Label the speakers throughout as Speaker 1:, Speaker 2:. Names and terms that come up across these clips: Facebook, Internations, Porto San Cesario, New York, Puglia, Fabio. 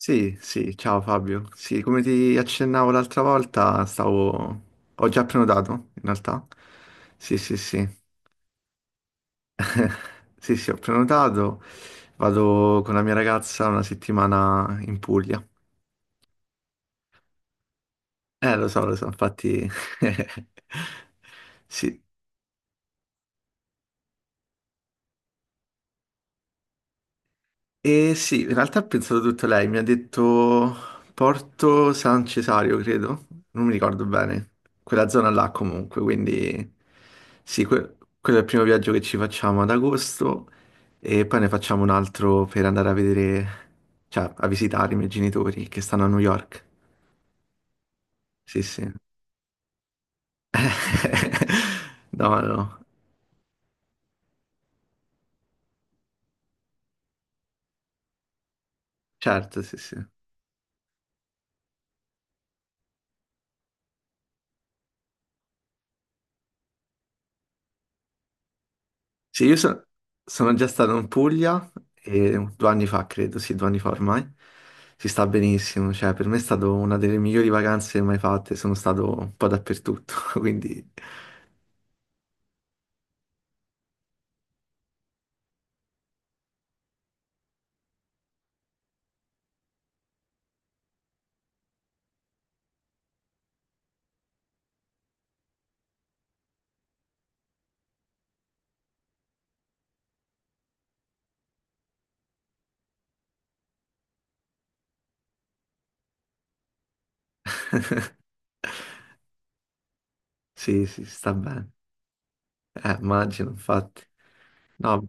Speaker 1: Sì, sì, ciao Fabio. Sì, come ti accennavo l'altra volta, ho già prenotato, in realtà. Sì, sì, sì. Sì, sì, ho prenotato. Vado con la mia ragazza una settimana in Puglia. Lo so, infatti. Sì, E sì, in realtà ha pensato tutto lei, mi ha detto Porto San Cesario, credo, non mi ricordo bene, quella zona là comunque, quindi sì, quello è il primo viaggio che ci facciamo ad agosto e poi ne facciamo un altro per andare a vedere, cioè a visitare i miei genitori che stanno a New York. Sì, sì. No, no, certo, sì, sì. Sì, io sono già stato in Puglia e 2 anni fa, credo, sì, 2 anni fa ormai. Si sta benissimo, cioè per me è stata una delle migliori vacanze mai fatte, sono stato un po' dappertutto, quindi sì, sì, sta bene. Immagino, infatti. No,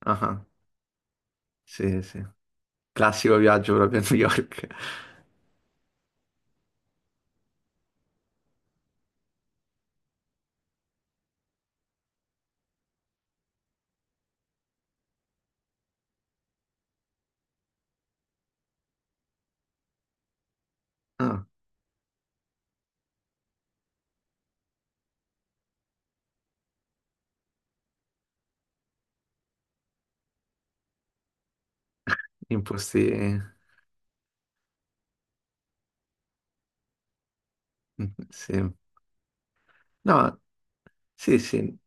Speaker 1: ah, sì, sì. Classico viaggio proprio a New York. Ah, in posti. Sì. No, sì, sì.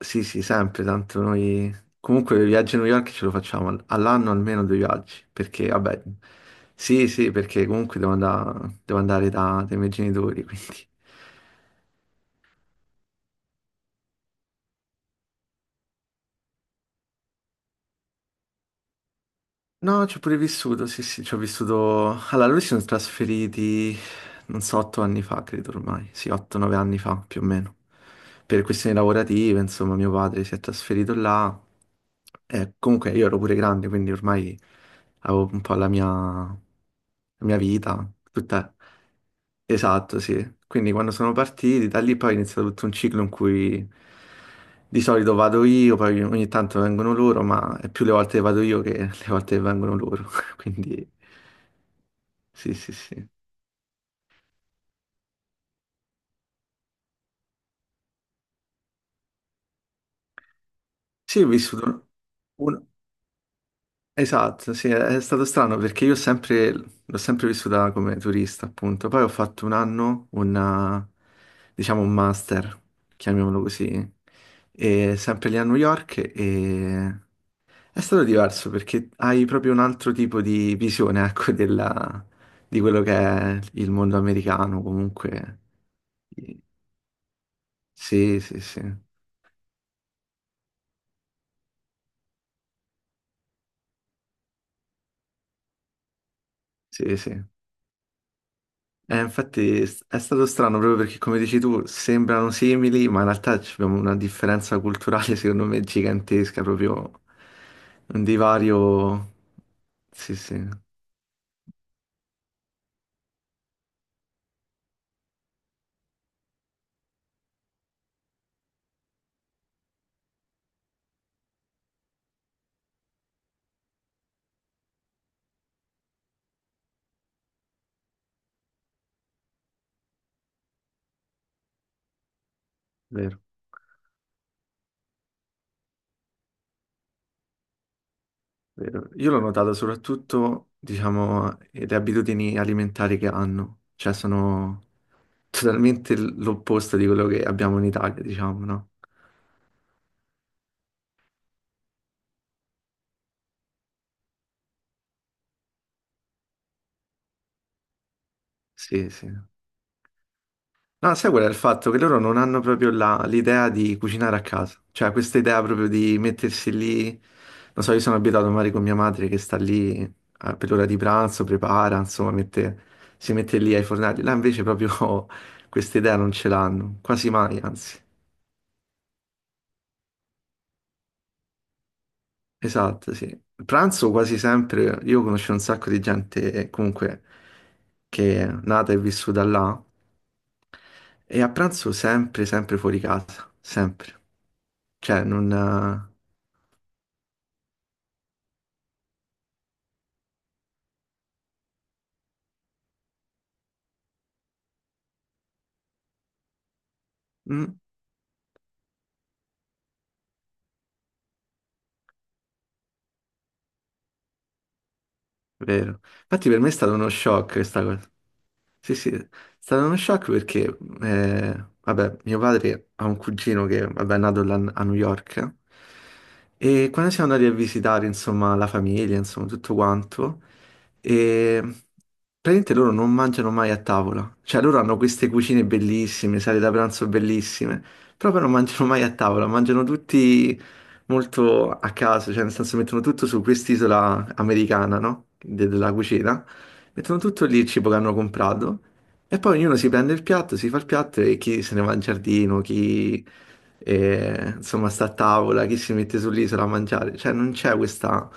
Speaker 1: Sì, sì, sempre, tanto noi. Comunque i viaggi a New York ce lo facciamo all'anno almeno due viaggi, perché vabbè. Sì, sì, perché comunque devo andare dai miei genitori, quindi. No, ci ho pure vissuto, sì, sì, ci ho vissuto. Allora, lui si sono trasferiti, non so, 8 anni fa, credo ormai. Sì, 8, 9 anni fa, più o meno. Per questioni lavorative, insomma, mio padre si è trasferito là. E comunque io ero pure grande, quindi ormai avevo un po' la mia vita, tutta. Esatto, sì. Quindi quando sono partiti, da lì poi è iniziato tutto un ciclo in cui di solito vado io, poi ogni tanto vengono loro, ma è più le volte che vado io che le volte che vengono loro. Quindi sì, sì, sì. Sì, ho vissuto un. Esatto, sì, è stato strano perché io l'ho sempre vissuta come turista, appunto. Poi ho fatto un anno, diciamo un master, chiamiamolo così, e sempre lì a New York e. È stato diverso perché hai proprio un altro tipo di visione, ecco, di quello che è il mondo americano, comunque. Sì, sì, sì, sì, sì. Infatti è stato strano proprio perché, come dici tu, sembrano simili, ma in realtà ci abbiamo una differenza culturale, secondo me, gigantesca, proprio un divario. Sì, sì, vero, vero. Io l'ho notato soprattutto, diciamo, le abitudini alimentari che hanno, cioè sono totalmente l'opposto di quello che abbiamo in Italia, diciamo, no? Sì, sì. No, sai qual è il fatto? Che loro non hanno proprio l'idea di cucinare a casa, cioè questa idea proprio di mettersi lì, non so, io sono abituato magari con mia madre che sta lì per l'ora di pranzo, prepara, insomma, si mette lì ai fornelli, là invece proprio questa idea non ce l'hanno, quasi mai, anzi. Esatto, sì. Il pranzo quasi sempre, io conosco un sacco di gente comunque che è nata e vissuta là E a pranzo sempre, sempre fuori casa, sempre. Cioè, non. Eh, mm. Vero. Infatti per me è stato uno shock questa cosa. Sì, sì, è stato uno shock perché, vabbè, mio padre ha un cugino che, vabbè, è nato là a New York e quando siamo andati a visitare, insomma, la famiglia, insomma, tutto quanto, e praticamente loro non mangiano mai a tavola. Cioè, loro hanno queste cucine bellissime, sale da pranzo bellissime, però poi non mangiano mai a tavola, mangiano tutti molto a caso, cioè nel senso mettono tutto su quest'isola americana, no? Della cucina, mettono tutto lì il cibo che hanno comprato e poi ognuno si prende il piatto, si fa il piatto e chi se ne va in giardino, chi insomma sta a tavola, chi si mette sull'isola a mangiare, cioè non c'è questa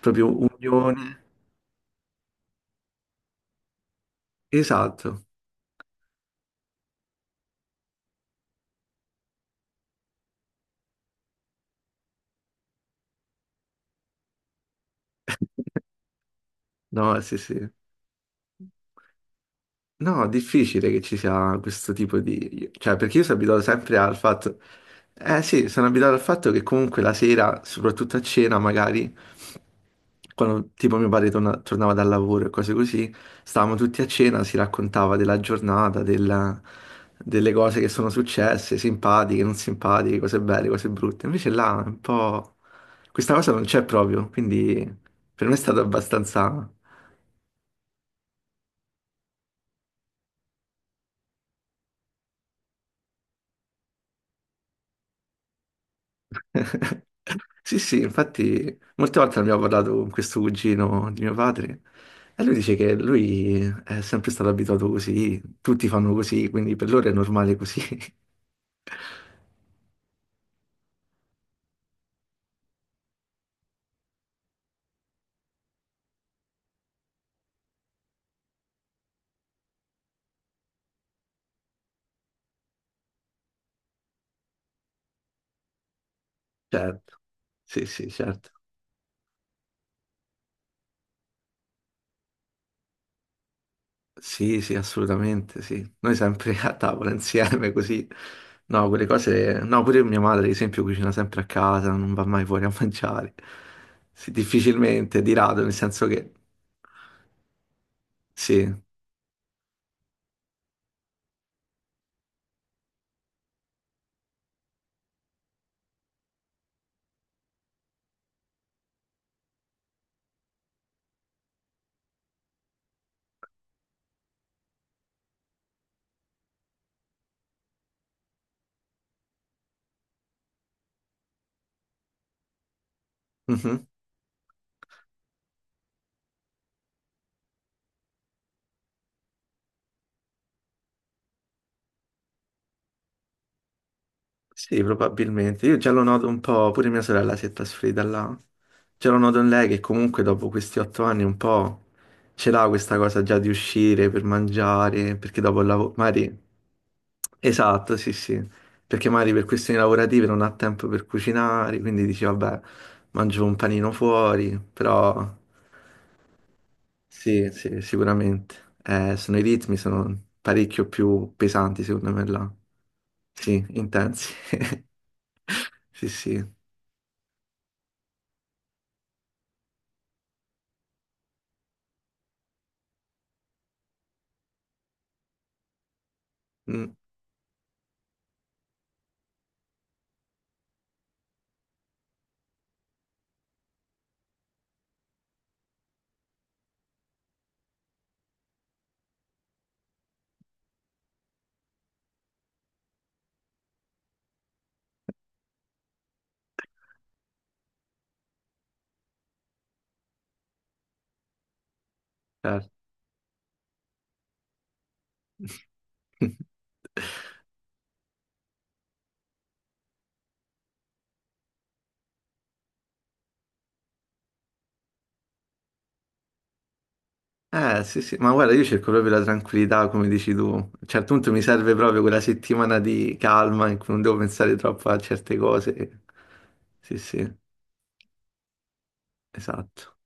Speaker 1: proprio unione. Esatto. No, sì, sì. No, è difficile che ci sia questo tipo di. Cioè, perché io sono abituato sempre al fatto. Eh sì, sono abituato al fatto che comunque la sera, soprattutto a cena magari, quando tipo mio padre tornava dal lavoro e cose così, stavamo tutti a cena, si raccontava della giornata, delle cose che sono successe, simpatiche, non simpatiche, cose belle, cose brutte. Invece là è un po'. Questa cosa non c'è proprio, quindi per me è stato abbastanza. Sì, sì, infatti molte volte abbiamo parlato con questo cugino di mio padre e lui dice che lui è sempre stato abituato così, tutti fanno così, quindi per loro è normale così. Certo, sì, sì, certo. Sì, sì, assolutamente, sì. Noi sempre a tavola insieme così. No, quelle cose. No, pure mia madre, ad esempio, cucina sempre a casa, non va mai fuori a mangiare. Sì, difficilmente, di rado, nel senso che. Sì. Mhm. Sì, probabilmente. Io già lo noto un po', pure mia sorella si è trasferita là. Già lo noto in lei che comunque dopo questi 8 anni un po' ce l'ha questa cosa già di uscire per mangiare, perché dopo il lavoro. Magari. Esatto, sì, sì. Perché magari per questioni lavorative non ha tempo per cucinare, quindi dici, vabbè, mangio un panino fuori, però. Sì, sì, sicuramente. Sono i ritmi, sono parecchio più pesanti, secondo me, là. Sì, intensi. Sì, sì. Mm, certo. Sì, sì, ma guarda, io cerco proprio la tranquillità, come dici tu. A un certo punto mi serve proprio quella settimana di calma in cui non devo pensare troppo a certe cose. Sì, sì, esatto.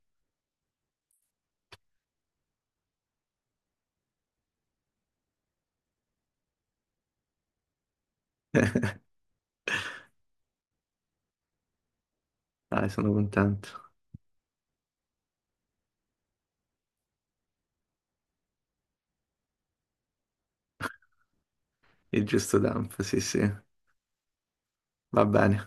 Speaker 1: Dai, sono contento. Il giusto tempo, sì, sì. Va bene.